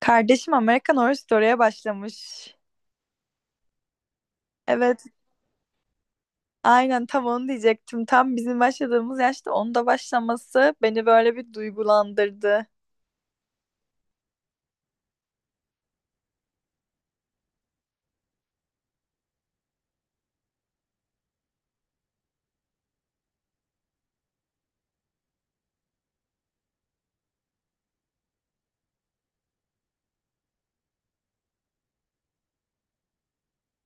Kardeşim American Horror Story'e başlamış. Evet, aynen tam onu diyecektim. Tam bizim başladığımız yaşta onu da başlaması beni böyle bir duygulandırdı.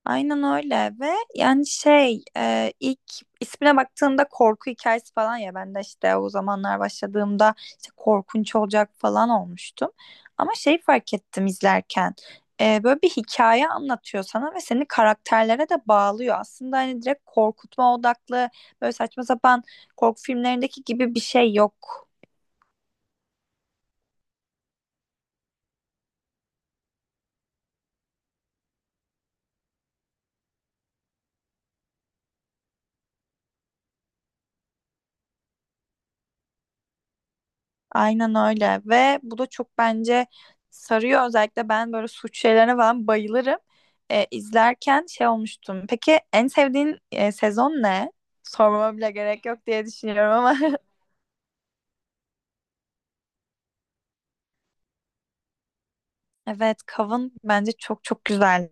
Aynen öyle ve yani şey ilk ismine baktığımda korku hikayesi falan, ya ben de işte o zamanlar başladığımda işte korkunç olacak falan olmuştum. Ama şey fark ettim izlerken, böyle bir hikaye anlatıyor sana ve seni karakterlere de bağlıyor. Aslında hani direkt korkutma odaklı, böyle saçma sapan korku filmlerindeki gibi bir şey yok. Aynen öyle ve bu da çok bence sarıyor, özellikle ben böyle suç şeylerine falan bayılırım. İzlerken şey olmuştum. Peki en sevdiğin sezon ne? Sormama bile gerek yok diye düşünüyorum ama. Evet, Kav'ın bence çok çok güzeldi.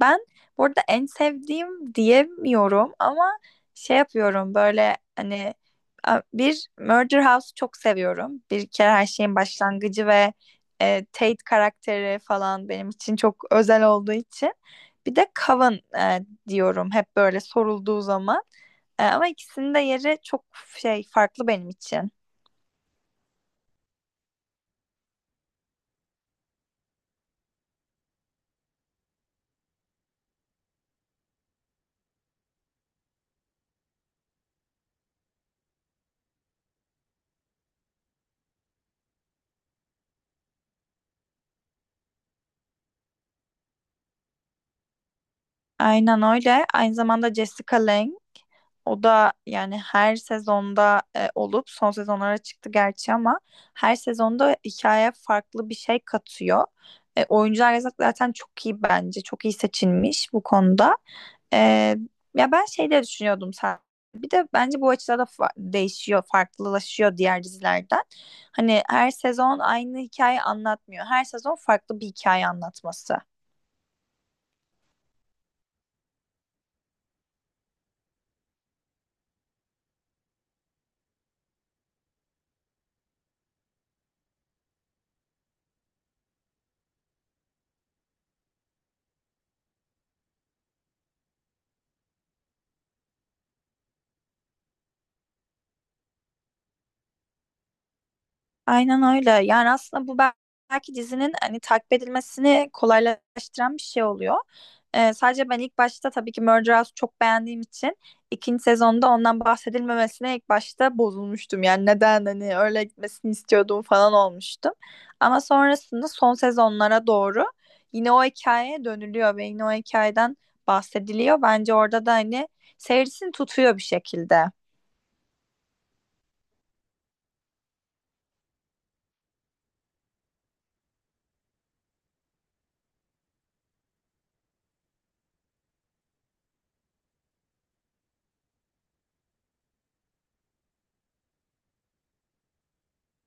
Ben burada en sevdiğim diyemiyorum ama şey yapıyorum böyle, hani bir Murder House'u çok seviyorum. Bir kere her şeyin başlangıcı ve Tate karakteri falan benim için çok özel olduğu için. Bir de Kav'ın, e, diyorum hep böyle sorulduğu zaman. Ama ikisinin de yeri çok şey farklı benim için. Aynen öyle. Aynı zamanda Jessica Lange. O da yani her sezonda olup son sezonlara çıktı gerçi, ama her sezonda hikayeye farklı bir şey katıyor. Oyuncular yazık, zaten çok iyi bence. Çok iyi seçilmiş bu konuda. E, ya ben şey de düşünüyordum sen. Bir de bence bu açıda da değişiyor, farklılaşıyor diğer dizilerden. Hani her sezon aynı hikaye anlatmıyor. Her sezon farklı bir hikaye anlatması. Aynen öyle. Yani aslında bu belki dizinin hani takip edilmesini kolaylaştıran bir şey oluyor. Sadece ben ilk başta tabii ki Murder House çok beğendiğim için, ikinci sezonda ondan bahsedilmemesine ilk başta bozulmuştum. Yani neden hani, öyle gitmesini istiyordum falan olmuştum. Ama sonrasında son sezonlara doğru yine o hikayeye dönülüyor ve yine o hikayeden bahsediliyor. Bence orada da hani seyircisini tutuyor bir şekilde.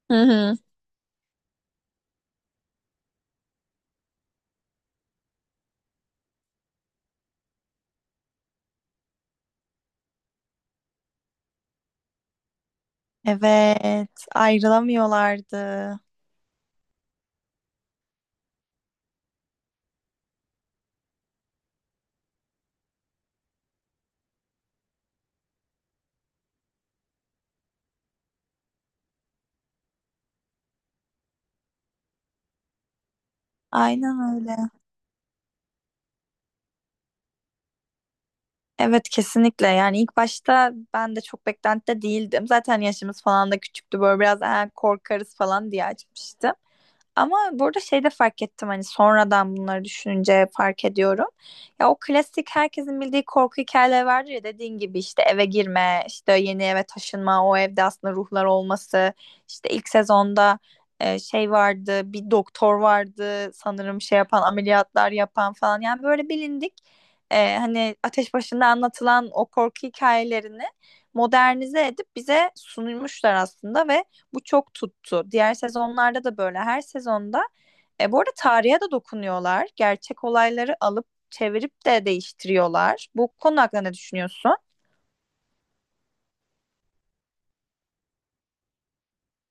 Hı hı. Evet, ayrılamıyorlardı. Aynen öyle. Evet, kesinlikle. Yani ilk başta ben de çok beklentide değildim. Zaten yaşımız falan da küçüktü. Böyle biraz "Aa, korkarız" falan diye açmıştım. Ama burada şey de fark ettim, hani sonradan bunları düşününce fark ediyorum. Ya o klasik herkesin bildiği korku hikayeleri vardır ya, dediğin gibi işte eve girme, işte yeni eve taşınma, o evde aslında ruhlar olması. İşte ilk sezonda şey vardı, bir doktor vardı sanırım şey yapan, ameliyatlar yapan falan. Yani böyle bilindik, hani ateş başında anlatılan o korku hikayelerini modernize edip bize sunulmuşlar aslında ve bu çok tuttu. Diğer sezonlarda da böyle. Her sezonda, bu arada tarihe de dokunuyorlar. Gerçek olayları alıp çevirip de değiştiriyorlar. Bu konu hakkında ne düşünüyorsun?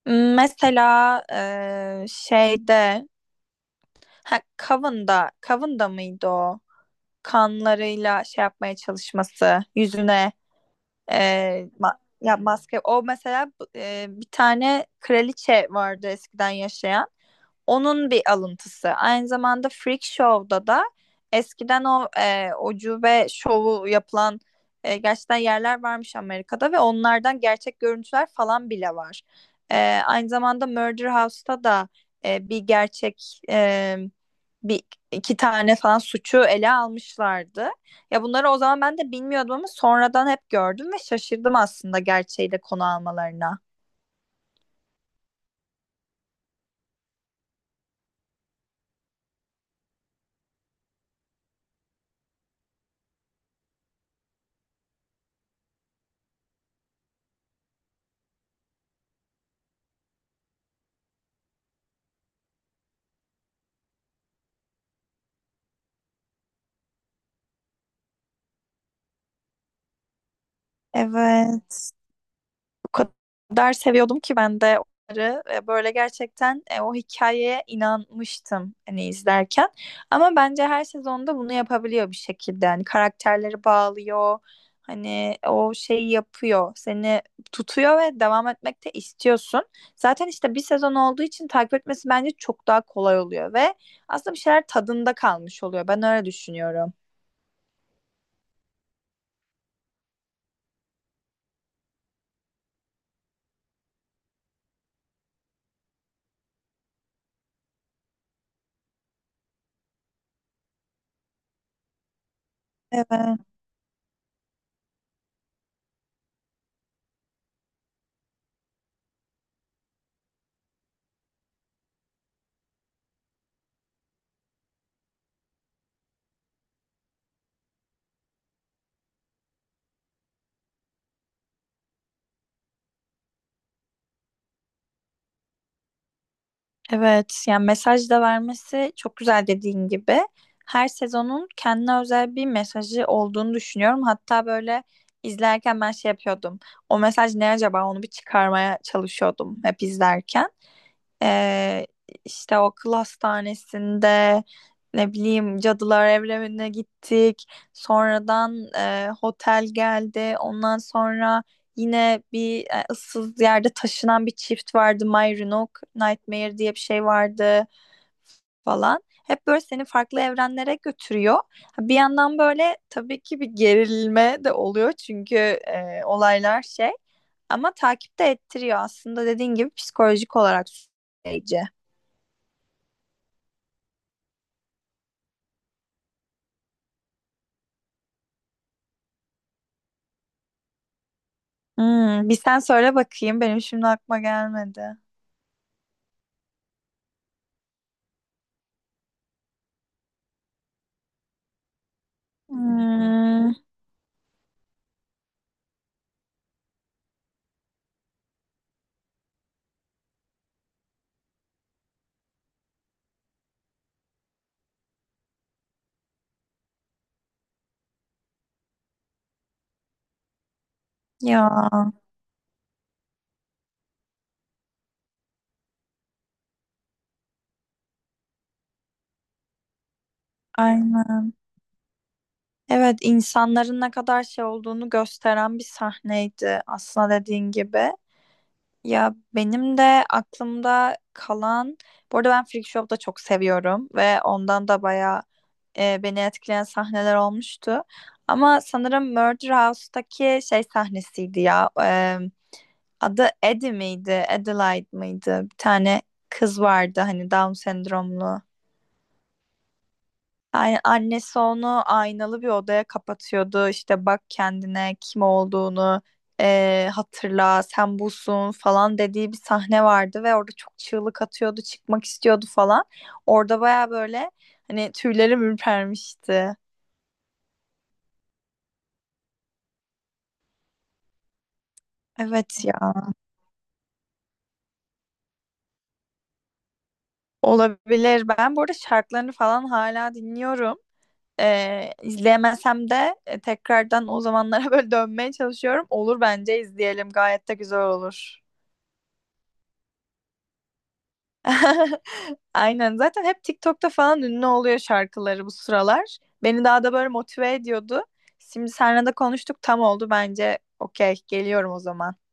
Mesela şeyde, ha, Coven'da, Coven'da mıydı o? Kanlarıyla şey yapmaya çalışması, yüzüne e, ya maske. O mesela, bir tane kraliçe vardı eskiden yaşayan. Onun bir alıntısı. Aynı zamanda Freak Show'da da eskiden o ucube şovu yapılan gerçekten yerler varmış Amerika'da ve onlardan gerçek görüntüler falan bile var. E, aynı zamanda Murder House'ta da bir gerçek, bir iki tane falan suçu ele almışlardı. Ya bunları o zaman ben de bilmiyordum ama sonradan hep gördüm ve şaşırdım aslında gerçeği de konu almalarına. Evet. O kadar seviyordum ki ben de onları, böyle gerçekten o hikayeye inanmıştım hani izlerken. Ama bence her sezonda bunu yapabiliyor bir şekilde. Hani karakterleri bağlıyor. Hani o şeyi yapıyor. Seni tutuyor ve devam etmek de istiyorsun. Zaten işte bir sezon olduğu için takip etmesi bence çok daha kolay oluyor ve aslında bir şeyler tadında kalmış oluyor. Ben öyle düşünüyorum. Evet, evet. Yani mesaj da vermesi çok güzel, dediğin gibi. Her sezonun kendine özel bir mesajı olduğunu düşünüyorum. Hatta böyle izlerken ben şey yapıyordum. O mesaj ne acaba? Onu bir çıkarmaya çalışıyordum hep izlerken. Ee, işte o akıl hastanesinde, ne bileyim, cadılar evrenine gittik. Sonradan otel geldi. Ondan sonra yine bir ıssız yerde taşınan bir çift vardı. My Roanoke Nightmare diye bir şey vardı falan. Hep böyle seni farklı evrenlere götürüyor. Ha, bir yandan böyle tabii ki bir gerilme de oluyor, çünkü olaylar şey, ama takip de ettiriyor aslında, dediğin gibi psikolojik olarak süreci. Bir sen söyle bakayım. Benim şimdi aklıma gelmedi. Hmm, ya aynen. Evet, insanların ne kadar şey olduğunu gösteren bir sahneydi aslında, dediğin gibi. Ya benim de aklımda kalan, bu arada ben Freak Show'u da çok seviyorum ve ondan da bayağı beni etkileyen sahneler olmuştu. Ama sanırım Murder House'taki şey sahnesiydi ya. Adı Eddie miydi? Adelaide mıydı? Bir tane kız vardı, hani Down sendromlu. Yani annesi onu aynalı bir odaya kapatıyordu. "İşte bak kendine, kim olduğunu hatırla, sen busun" falan dediği bir sahne vardı ve orada çok çığlık atıyordu, çıkmak istiyordu falan. Orada baya böyle hani tüylerim ürpermişti. Evet ya, olabilir. Ben burada şarkılarını falan hala dinliyorum. İzleyemesem de tekrardan o zamanlara böyle dönmeye çalışıyorum. Olur bence, izleyelim. Gayet de güzel olur. Aynen. Zaten hep TikTok'ta falan ünlü oluyor şarkıları bu sıralar. Beni daha da böyle motive ediyordu. Şimdi seninle de konuştuk, tam oldu bence. Okey, geliyorum o zaman.